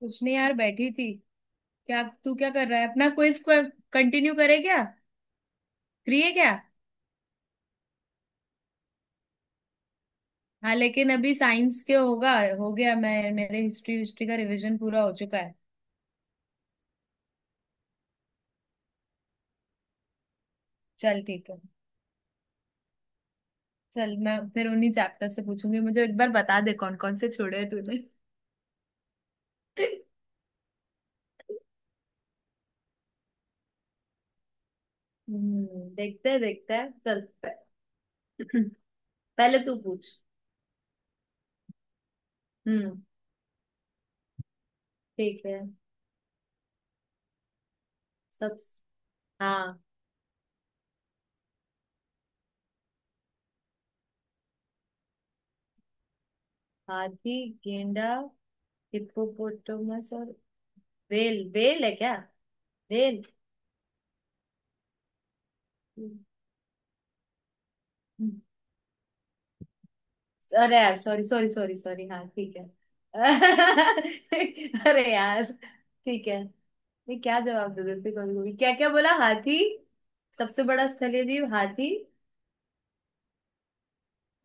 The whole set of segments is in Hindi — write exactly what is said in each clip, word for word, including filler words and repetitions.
कुछ नहीं यार, बैठी थी। क्या, तू क्या कर रहा है अपना क्विज? कंटिन्यू करे क्या? फ्री है क्या? हाँ, लेकिन अभी साइंस के होगा। हो गया। मैं मेरे हिस्ट्री हिस्ट्री का रिवीजन पूरा हो चुका है। चल ठीक है। चल, मैं फिर उन्हीं चैप्टर से पूछूंगी। मुझे एक बार बता दे कौन कौन से छोड़े हैं तूने। हम्म देखते हैं देखते हैं। चल, प- पहले तू पूछ। हम्म। ठीक है। सब। हाँ। हाथी, गेंडा, हिप्पोपोटामस और वेल। वेल है क्या? वेल। हम्म। अरे यार सॉरी सॉरी सॉरी सॉरी, हाँ ठीक है। अरे यार। ठीक है। मैं क्या जवाब दूँ? देखते कभी कभी क्या क्या बोला। हाथी। सबसे बड़ा स्थलीय जीव हाथी।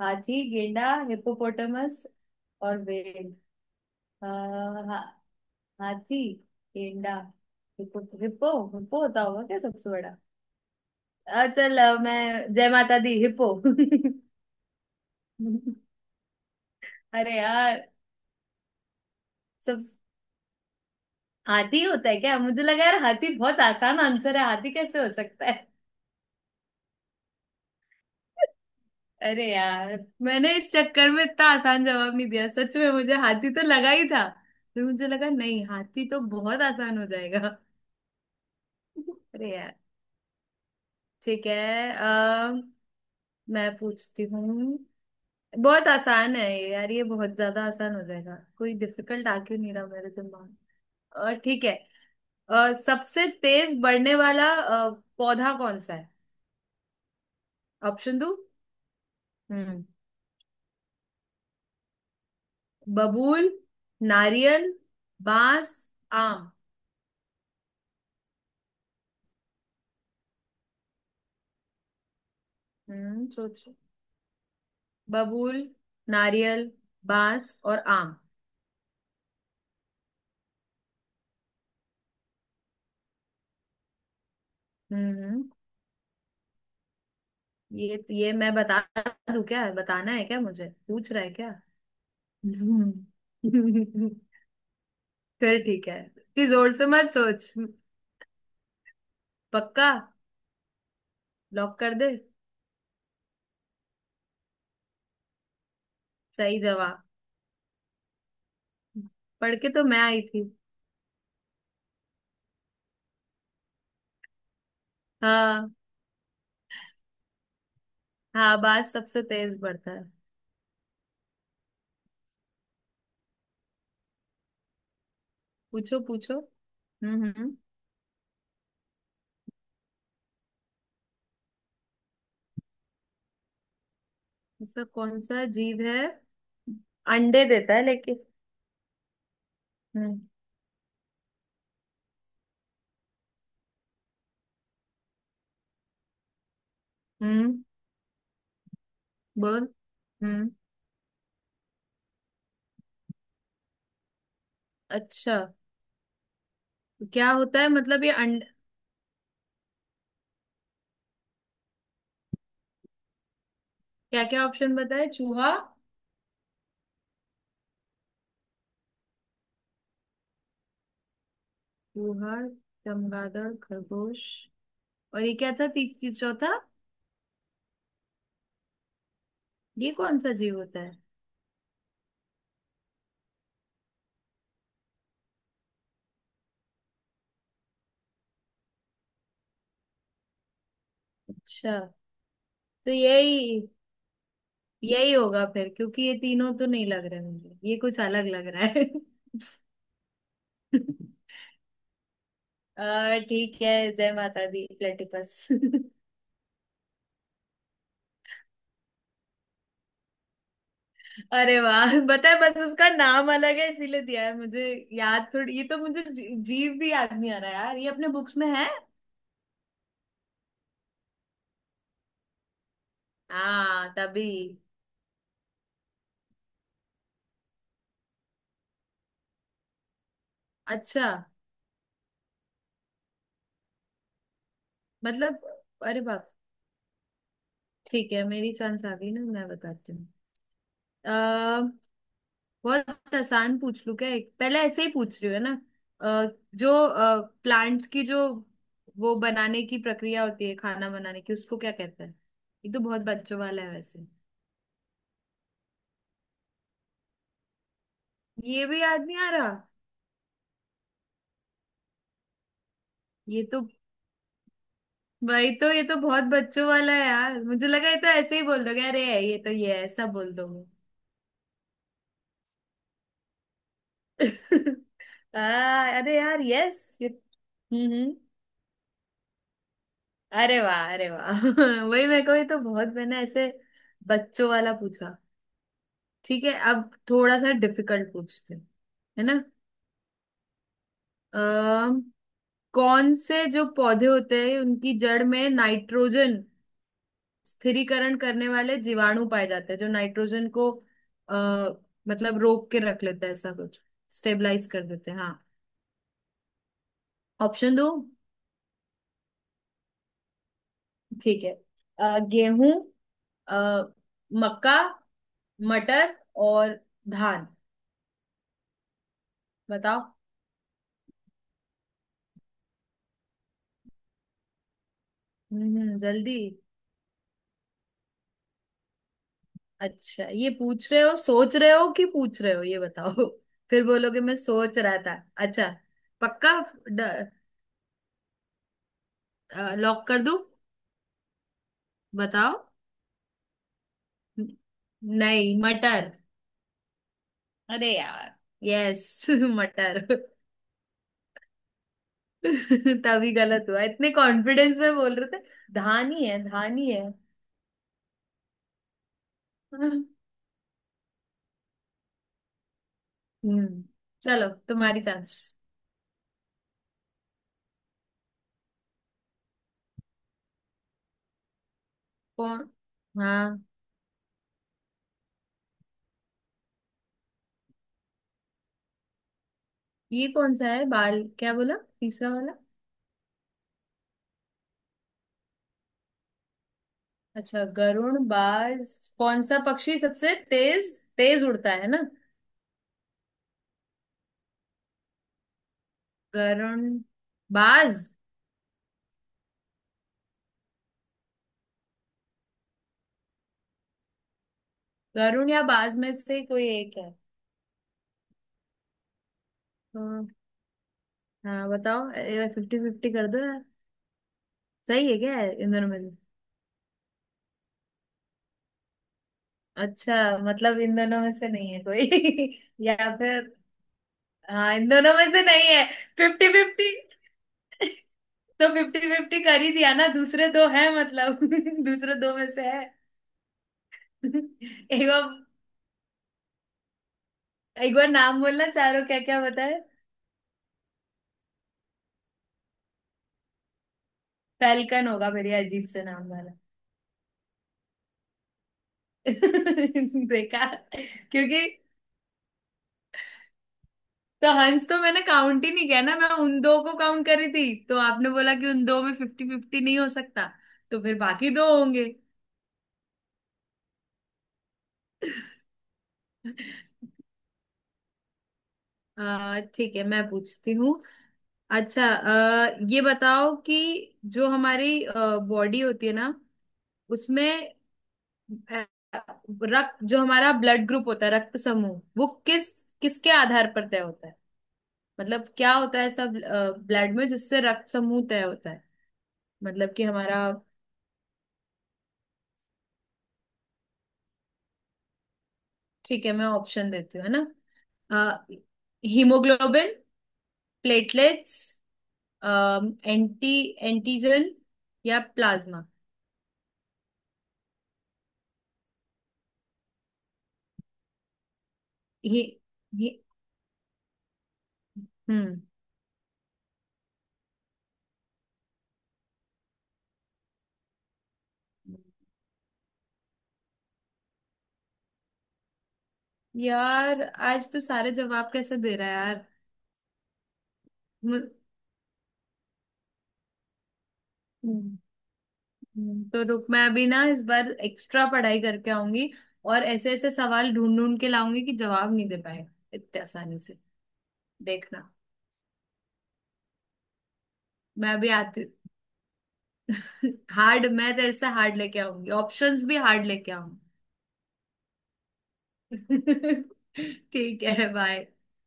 हाथी, गेंडा, हिप्पोपोटामस और व्हेल। आ, हा, हाथी, गेंडा, हिप्पो हिप्पो। हिप्पो होता होगा क्या सबसे बड़ा? अ, चल, अ, मैं जय माता दी हिप्पो। अरे यार। सब। हाथी होता है क्या? मुझे लगा यार हाथी बहुत आसान आंसर है, हाथी कैसे हो सकता है। अरे यार, मैंने इस चक्कर में इतना आसान जवाब नहीं दिया। सच में मुझे हाथी तो लगा ही था। फिर मुझे लगा नहीं, हाथी तो बहुत आसान हो जाएगा। अरे यार। ठीक है। आ, मैं पूछती हूँ। बहुत आसान है ये यार, ये बहुत ज्यादा आसान हो जाएगा। कोई डिफिकल्ट आ क्यों नहीं रहा मेरे दिमाग में। अ, ठीक है। अ, सबसे तेज बढ़ने वाला अ, पौधा कौन सा है? ऑप्शन दो। हम्म, बबूल, नारियल, बांस, आम। हम्म सोचो। बबूल, नारियल, बांस और आम। हम्म ये तो, ये मैं बता दूं क्या? बताना है क्या? मुझे पूछ रहा है क्या? हम्म। फिर ठीक है, इतनी जोर से मत सोच। पक्का? लॉक कर दे। सही जवाब। पढ़ के तो मैं आई थी। हाँ। हाँ, बात सबसे तेज बढ़ता है। पूछो पूछो। हम्म हम्म। ऐसा कौन सा जीव है अंडे देता है लेकिन। हम्म हम्म बोल हम्म। अच्छा, तो क्या होता है मतलब ये अंड क्या क्या ऑप्शन बताए? चूहा। चूहा, चमगादड़, खरगोश और ये क्या था ती- ती- चौथा? ये कौन सा जीव होता है? अच्छा, तो यही, यही होगा फिर, क्योंकि ये तीनों तो नहीं लग रहे मुझे, ये कुछ अलग लग रहा है। अ, ठीक है, जय माता दी प्लेटिपस। अरे वाह, पता है बस उसका नाम अलग है इसीलिए दिया है मुझे, याद थोड़ी। ये तो मुझे जी, जीव भी याद नहीं आ रहा यार, ये अपने बुक्स में है। हाँ तभी। अच्छा मतलब। अरे बाप। ठीक है, मेरी चांस आ गई ना, मैं बताती हूँ। अ, बहुत आसान पूछ लूं क्या एक, पहले ऐसे ही पूछ रही हूँ, है ना? अ, जो प्लांट्स की जो वो बनाने की प्रक्रिया होती है खाना बनाने की, उसको क्या कहते हैं? ये तो बहुत बच्चों वाला है वैसे। ये भी याद नहीं आ रहा। ये तो। भाई, तो ये तो बहुत बच्चों वाला है यार, मुझे लगा ये तो ऐसे ही बोल दोगे, अरे ये तो ये है, ऐसा बोल दोगे। आ, अरे यार यस, ये हम्म हम्म। अरे वाह, अरे वाह। वही मेरे को, ये तो बहुत मैंने ऐसे बच्चों वाला पूछा। ठीक है, अब थोड़ा सा डिफिकल्ट पूछते हैं, है ना? अम, कौन से जो पौधे होते हैं उनकी जड़ में नाइट्रोजन स्थिरीकरण करने वाले जीवाणु पाए जाते हैं जो नाइट्रोजन को आ, मतलब रोक के रख लेते हैं, ऐसा कुछ। स्टेबलाइज कर देते हैं हाँ। ऑप्शन दो। ठीक है। अ, गेहूं, अ, मक्का, मटर और धान। बताओ। हम्म, जल्दी। अच्छा, ये पूछ रहे हो, सोच रहे हो कि पूछ रहे हो? ये बताओ। फिर बोलोगे मैं सोच रहा था। अच्छा। पक्का? लॉक कर दूं? बताओ। न- नहीं, मटर। अरे यार यस। मटर। तभी गलत हुआ, इतने कॉन्फिडेंस में बोल रहे थे, धान ही है धान ही है। हम्म। चलो तुम्हारी चांस। कौन। हाँ। ये कौन सा है? बाल क्या बोला तीसरा वाला? अच्छा, गरुण बाज। कौन सा पक्षी सबसे तेज तेज उड़ता है ना? गरुण बाज। गरुण या बाज में से कोई एक है? तो। हाँ बताओ। फिफ्टी फिफ्टी कर दो यार। सही है, क्या है इन दोनों में? अच्छा मतलब इन दोनों में से नहीं है कोई? या फिर। हाँ इन दोनों में से नहीं है। Fifty fifty. तो फिफ्टी फिफ्टी कर ही दिया ना, दूसरे दो है मतलब। दूसरे दो में से है। एक बार। एक बार नाम बोलना चारों, क्या क्या बताए? फैल्कन होगा मेरी, अजीब से नाम वाला। देखा। क्योंकि। तो हंस तो मैंने काउंट ही नहीं किया ना, मैं उन दो को काउंट करी थी, तो आपने बोला कि उन दो में फिफ्टी फिफ्टी नहीं हो सकता, तो फिर बाकी दो होंगे। अ, ठीक है, मैं पूछती हूँ। अच्छा अ, ये बताओ कि जो हमारी बॉडी होती है ना उसमें अ, रक्त, जो हमारा ब्लड ग्रुप होता है, रक्त समूह, वो किस किसके आधार पर तय होता है? मतलब क्या होता है ऐसा ब्लड में जिससे रक्त समूह तय होता है? मतलब कि हमारा। ठीक है, मैं ऑप्शन देती हूँ है ना? हीमोग्लोबिन, प्लेटलेट्स, एंटी एंटीजन या प्लाज्मा। ये ये हम्म। यार आज तो सारे जवाब कैसे दे रहा है यार। मु- हम्म, हम्म, तो रुक, मैं अभी ना इस बार एक्स्ट्रा पढ़ाई करके आऊंगी, और ऐसे ऐसे सवाल ढूंढ ढूंढ के लाऊंगी कि जवाब नहीं दे पाए इतने आसानी से। देखना। मैं अभी आती हूँ। हार्ड, मैं तेरे से हार्ड लेके आऊंगी, ऑप्शंस भी हार्ड लेके आऊंगी। ठीक है बाय।